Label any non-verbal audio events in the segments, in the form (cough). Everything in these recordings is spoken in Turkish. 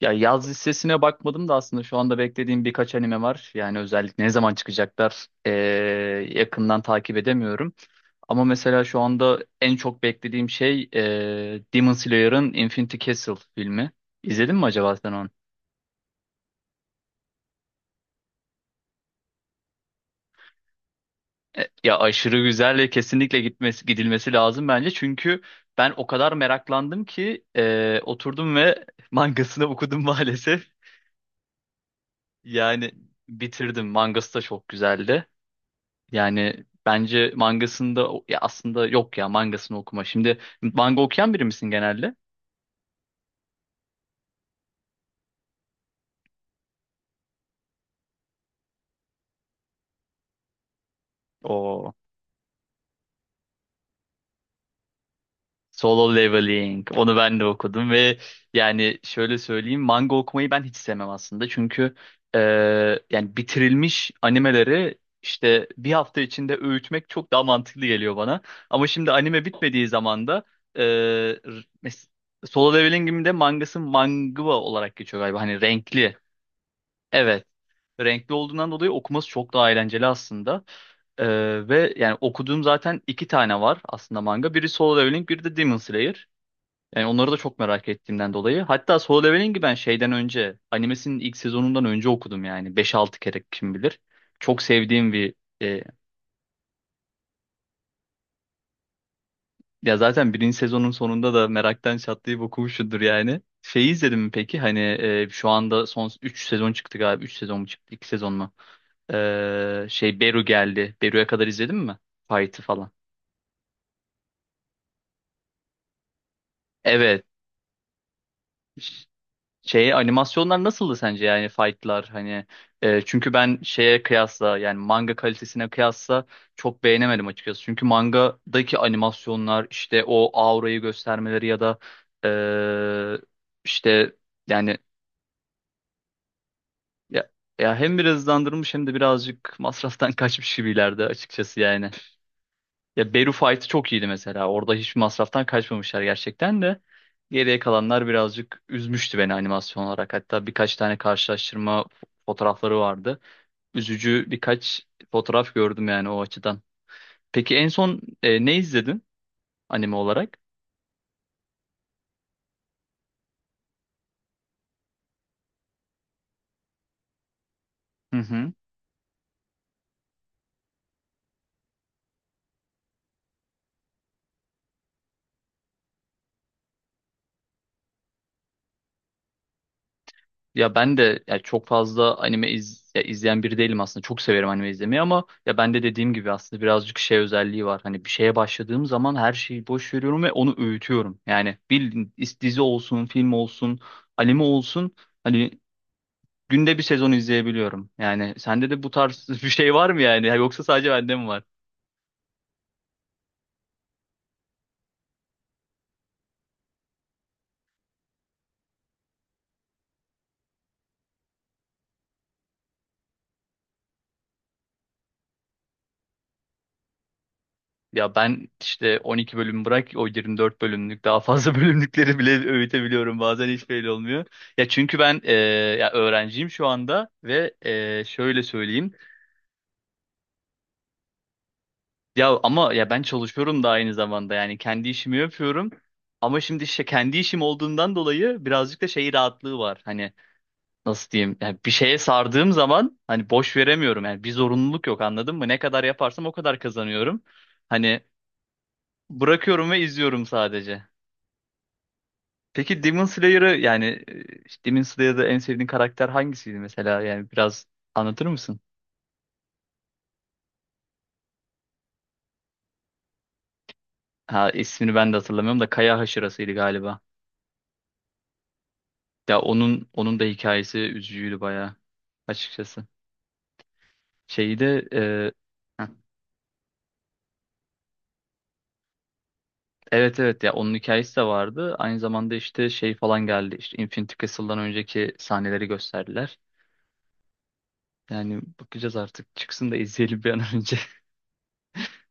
Ya yaz listesine bakmadım da aslında şu anda beklediğim birkaç anime var. Yani özellikle ne zaman çıkacaklar yakından takip edemiyorum. Ama mesela şu anda en çok beklediğim şey Demon Slayer'ın Infinity Castle filmi. İzledin mi acaba sen onu? Ya aşırı güzel ve kesinlikle gitmesi, gidilmesi lazım bence. Çünkü ben o kadar meraklandım ki oturdum ve (laughs) mangasını okudum maalesef. Yani bitirdim. Mangası da çok güzeldi. Yani bence mangasında ya aslında yok ya mangasını okuma. Şimdi manga okuyan biri misin genelde? O Solo Leveling. Onu ben de okudum ve yani şöyle söyleyeyim, manga okumayı ben hiç sevmem aslında. Çünkü e, yani bitirilmiş animeleri işte bir hafta içinde öğütmek çok daha mantıklı geliyor bana. Ama şimdi anime bitmediği zaman da e, r- mes- Solo Leveling'in de mangası manga olarak geçiyor galiba. Hani renkli. Evet. Renkli olduğundan dolayı okuması çok daha eğlenceli aslında. Ve yani okuduğum zaten iki tane var aslında manga. Biri Solo Leveling, biri de Demon Slayer. Yani onları da çok merak ettiğimden dolayı. Hatta Solo Leveling'i ben şeyden önce, animesinin ilk sezonundan önce okudum yani. Beş altı kere kim bilir. Çok sevdiğim bir... e, Ya zaten birinci sezonun sonunda da meraktan çatlayıp okumuşsundur yani. Şeyi izledin mi peki? Hani şu anda son 3 sezon çıktı galiba. Üç sezon mu çıktı? İki sezon mu? Şey Beru geldi. Beru'ya kadar izledin mi? Fight'ı falan. Evet. Ş- Şey animasyonlar nasıldı sence, yani fight'lar hani çünkü ben şeye kıyasla, yani manga kalitesine kıyasla çok beğenemedim açıkçası. Çünkü mangadaki animasyonlar işte o aurayı göstermeleri ya da e, işte yani, Ya, ya hem biraz hızlandırmış hem de birazcık masraftan (laughs) kaçmış gibilerdi açıkçası yani. Ya Beru Fight'ı çok iyiydi mesela. Orada hiçbir masraftan kaçmamışlar gerçekten de. Geriye kalanlar birazcık üzmüştü beni animasyon olarak. Hatta birkaç tane karşılaştırma fotoğrafları vardı. Üzücü birkaç fotoğraf gördüm yani o açıdan. Peki en son ne izledin anime olarak? Hı hı. Ya ben de, ya çok fazla anime ya izleyen biri değilim aslında. Çok severim anime izlemeyi ama ya ben de dediğim gibi aslında birazcık şey özelliği var. Hani bir şeye başladığım zaman her şeyi boş veriyorum ve onu öğütüyorum. Yani bildiğin dizi olsun, film olsun, anime olsun, hani günde bir sezon izleyebiliyorum. Yani sende de bu tarz (laughs) bir şey var mı yani? Yoksa sadece bende mi var? Ya ben işte 12 bölüm bırak, o 24 bölümlük daha fazla (laughs) bölümlükleri bile öğütebiliyorum, bazen hiç belli olmuyor. Ya çünkü ben ya öğrenciyim şu anda ve şöyle söyleyeyim. Ya ama ya ben çalışıyorum da aynı zamanda, yani kendi işimi yapıyorum. Ama şimdi işte kendi işim olduğundan dolayı birazcık da şey rahatlığı var. Hani nasıl diyeyim? Yani bir şeye sardığım zaman hani boş veremiyorum. Yani bir zorunluluk yok, anladın mı? Ne kadar yaparsam o kadar kazanıyorum. Hani bırakıyorum ve izliyorum sadece. Peki Demon Slayer'ı yani işte Demon Slayer'da en sevdiğin karakter hangisiydi mesela? Yani biraz anlatır mısın? Ha, ismini ben de hatırlamıyorum da Kaya Haşırası'ydı galiba. Ya onun, onun da hikayesi üzücüydü bayağı açıkçası. Şeyi de heh, evet evet, ya onun hikayesi de vardı. Aynı zamanda işte şey falan geldi. İşte Infinity Castle'dan önceki sahneleri gösterdiler. Yani bakacağız artık. Çıksın da izleyelim bir an önce. (laughs)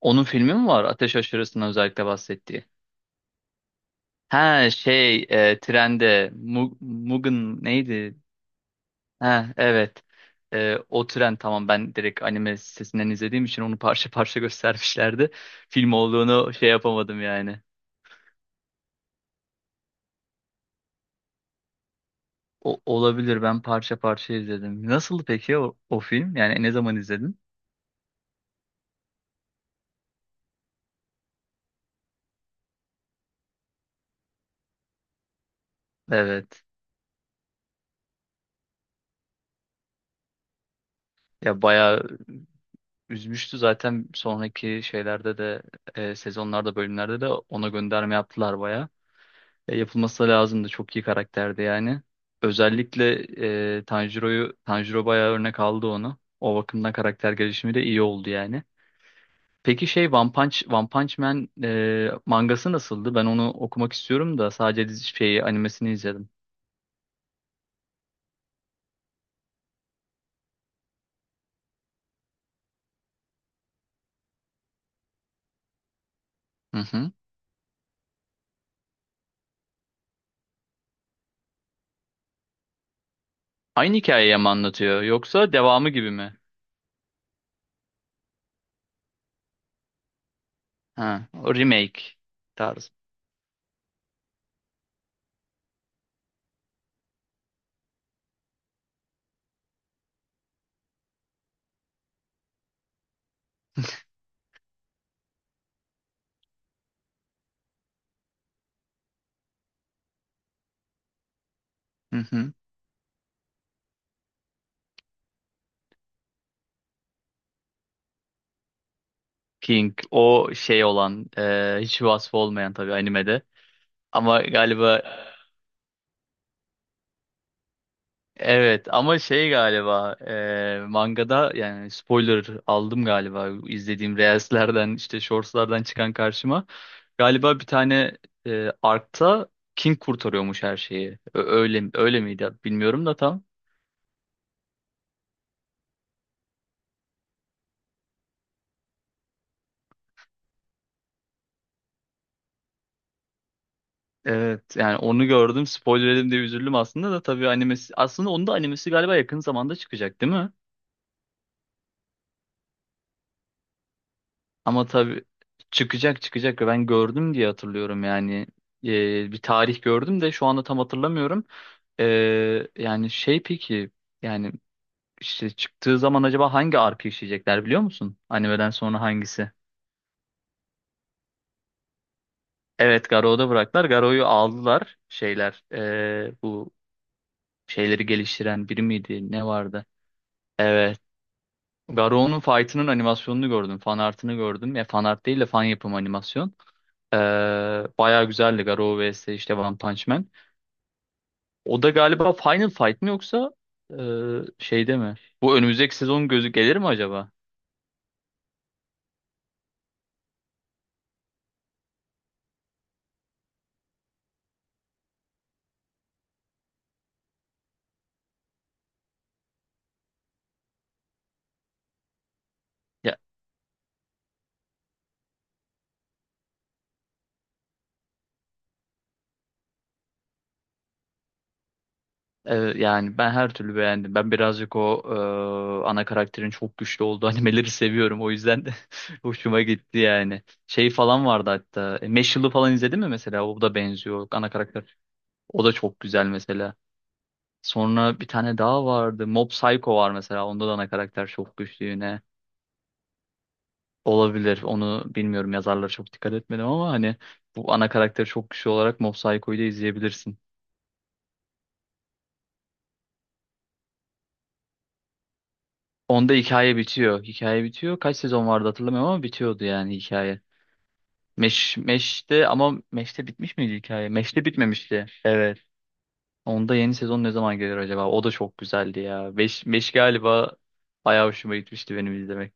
Onun filmi mi var? Ateş Aşırısı'ndan özellikle bahsettiği. Ha şey trende Mugen neydi? Ha evet. O tren, tamam, ben direkt anime sitesinden izlediğim için onu parça (laughs) parça göstermişlerdi. Film olduğunu şey yapamadım yani. O, olabilir, ben parça parça izledim. Nasıldı peki o, o film? Yani ne zaman izledin? Evet. Ya bayağı üzmüştü zaten, sonraki şeylerde de sezonlarda, bölümlerde de ona gönderme yaptılar. Yapılması da lazımdı. Çok iyi karakterdi yani. Özellikle Tanjiro bayağı örnek aldı onu. O bakımdan karakter gelişimi de iyi oldu yani. Peki şey, One Punch Man mangası nasıldı? Ben onu okumak istiyorum da sadece dizi şeyi, animesini izledim. Hı hı. Aynı hikayeyi mi anlatıyor yoksa devamı gibi mi? Ha, o remake tarzı. Hı hı. King o şey olan hiç vasfı olmayan tabii animede. Ama galiba Evet, ama şey galiba mangada, yani spoiler aldım galiba izlediğim reelslerden, işte shortslardan çıkan karşıma. Galiba bir tane Ark'ta King kurtarıyormuş her şeyi. Öyle, öyle miydi bilmiyorum da tam. Evet, yani onu gördüm, spoiler yedim diye üzüldüm aslında, da tabii animesi, aslında onun da animesi galiba yakın zamanda çıkacak değil mi? Ama tabii çıkacak çıkacak ve ben gördüm diye hatırlıyorum yani. Bir tarih gördüm de şu anda tam hatırlamıyorum. Yani şey peki, yani işte çıktığı zaman acaba hangi arka işleyecekler biliyor musun? Animeden sonra hangisi? Evet, Garou'da bıraktılar. Garou'yu aldılar, şeyler bu şeyleri geliştiren biri miydi, ne vardı? Evet. Garou'nun fight'ının animasyonunu gördüm. Fan art'ını gördüm. Ya fan art değil de fan yapım animasyon. Ee, Bayağı güzeldi Garou vs işte One Punch Man. O da galiba Final Fight mi yoksa e, şeyde mi? Bu önümüzdeki sezon gözü gelir mi acaba? Ya, yani ben her türlü beğendim. Ben birazcık o ana karakterin çok güçlü olduğu (laughs) animeleri seviyorum. O yüzden de (laughs) hoşuma gitti yani. Şey falan vardı hatta. Meshul'u falan izledin mi mesela? O da benziyor ana karakter. O da çok güzel mesela. Sonra bir tane daha vardı. Mob Psycho var mesela. Onda da ana karakter çok güçlü yine. Olabilir. Onu bilmiyorum. Yazarlara çok dikkat etmedim ama hani bu ana karakteri çok güçlü olarak Mob Psycho'yu da izleyebilirsin. Onda hikaye bitiyor. Hikaye bitiyor. Kaç sezon vardı hatırlamıyorum ama bitiyordu yani hikaye. Meş'te, ama Meş'te bitmiş miydi hikaye? Meş'te bitmemişti. Evet. Onda yeni sezon ne zaman gelir acaba? O da çok güzeldi ya. Meş galiba bayağı hoşuma gitmişti benim izlemek.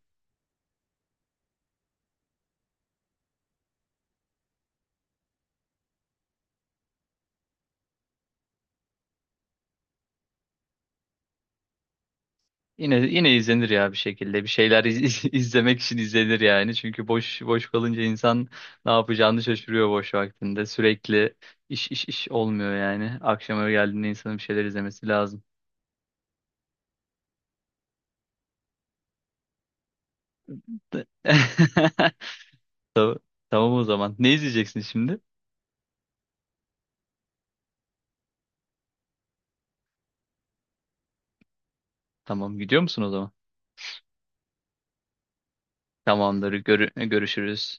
Yine yine izlenir ya bir şekilde. Bir şeyler (laughs) izlemek için izlenir yani. Çünkü boş boş kalınca insan ne yapacağını şaşırıyor boş vaktinde. Sürekli iş iş iş olmuyor yani. Akşama geldiğinde insanın bir şeyler izlemesi lazım. De- (laughs) Tamam, tamam o zaman. Ne izleyeceksin şimdi? Tamam, gidiyor musun o zaman? Tamamdır. Görüşürüz.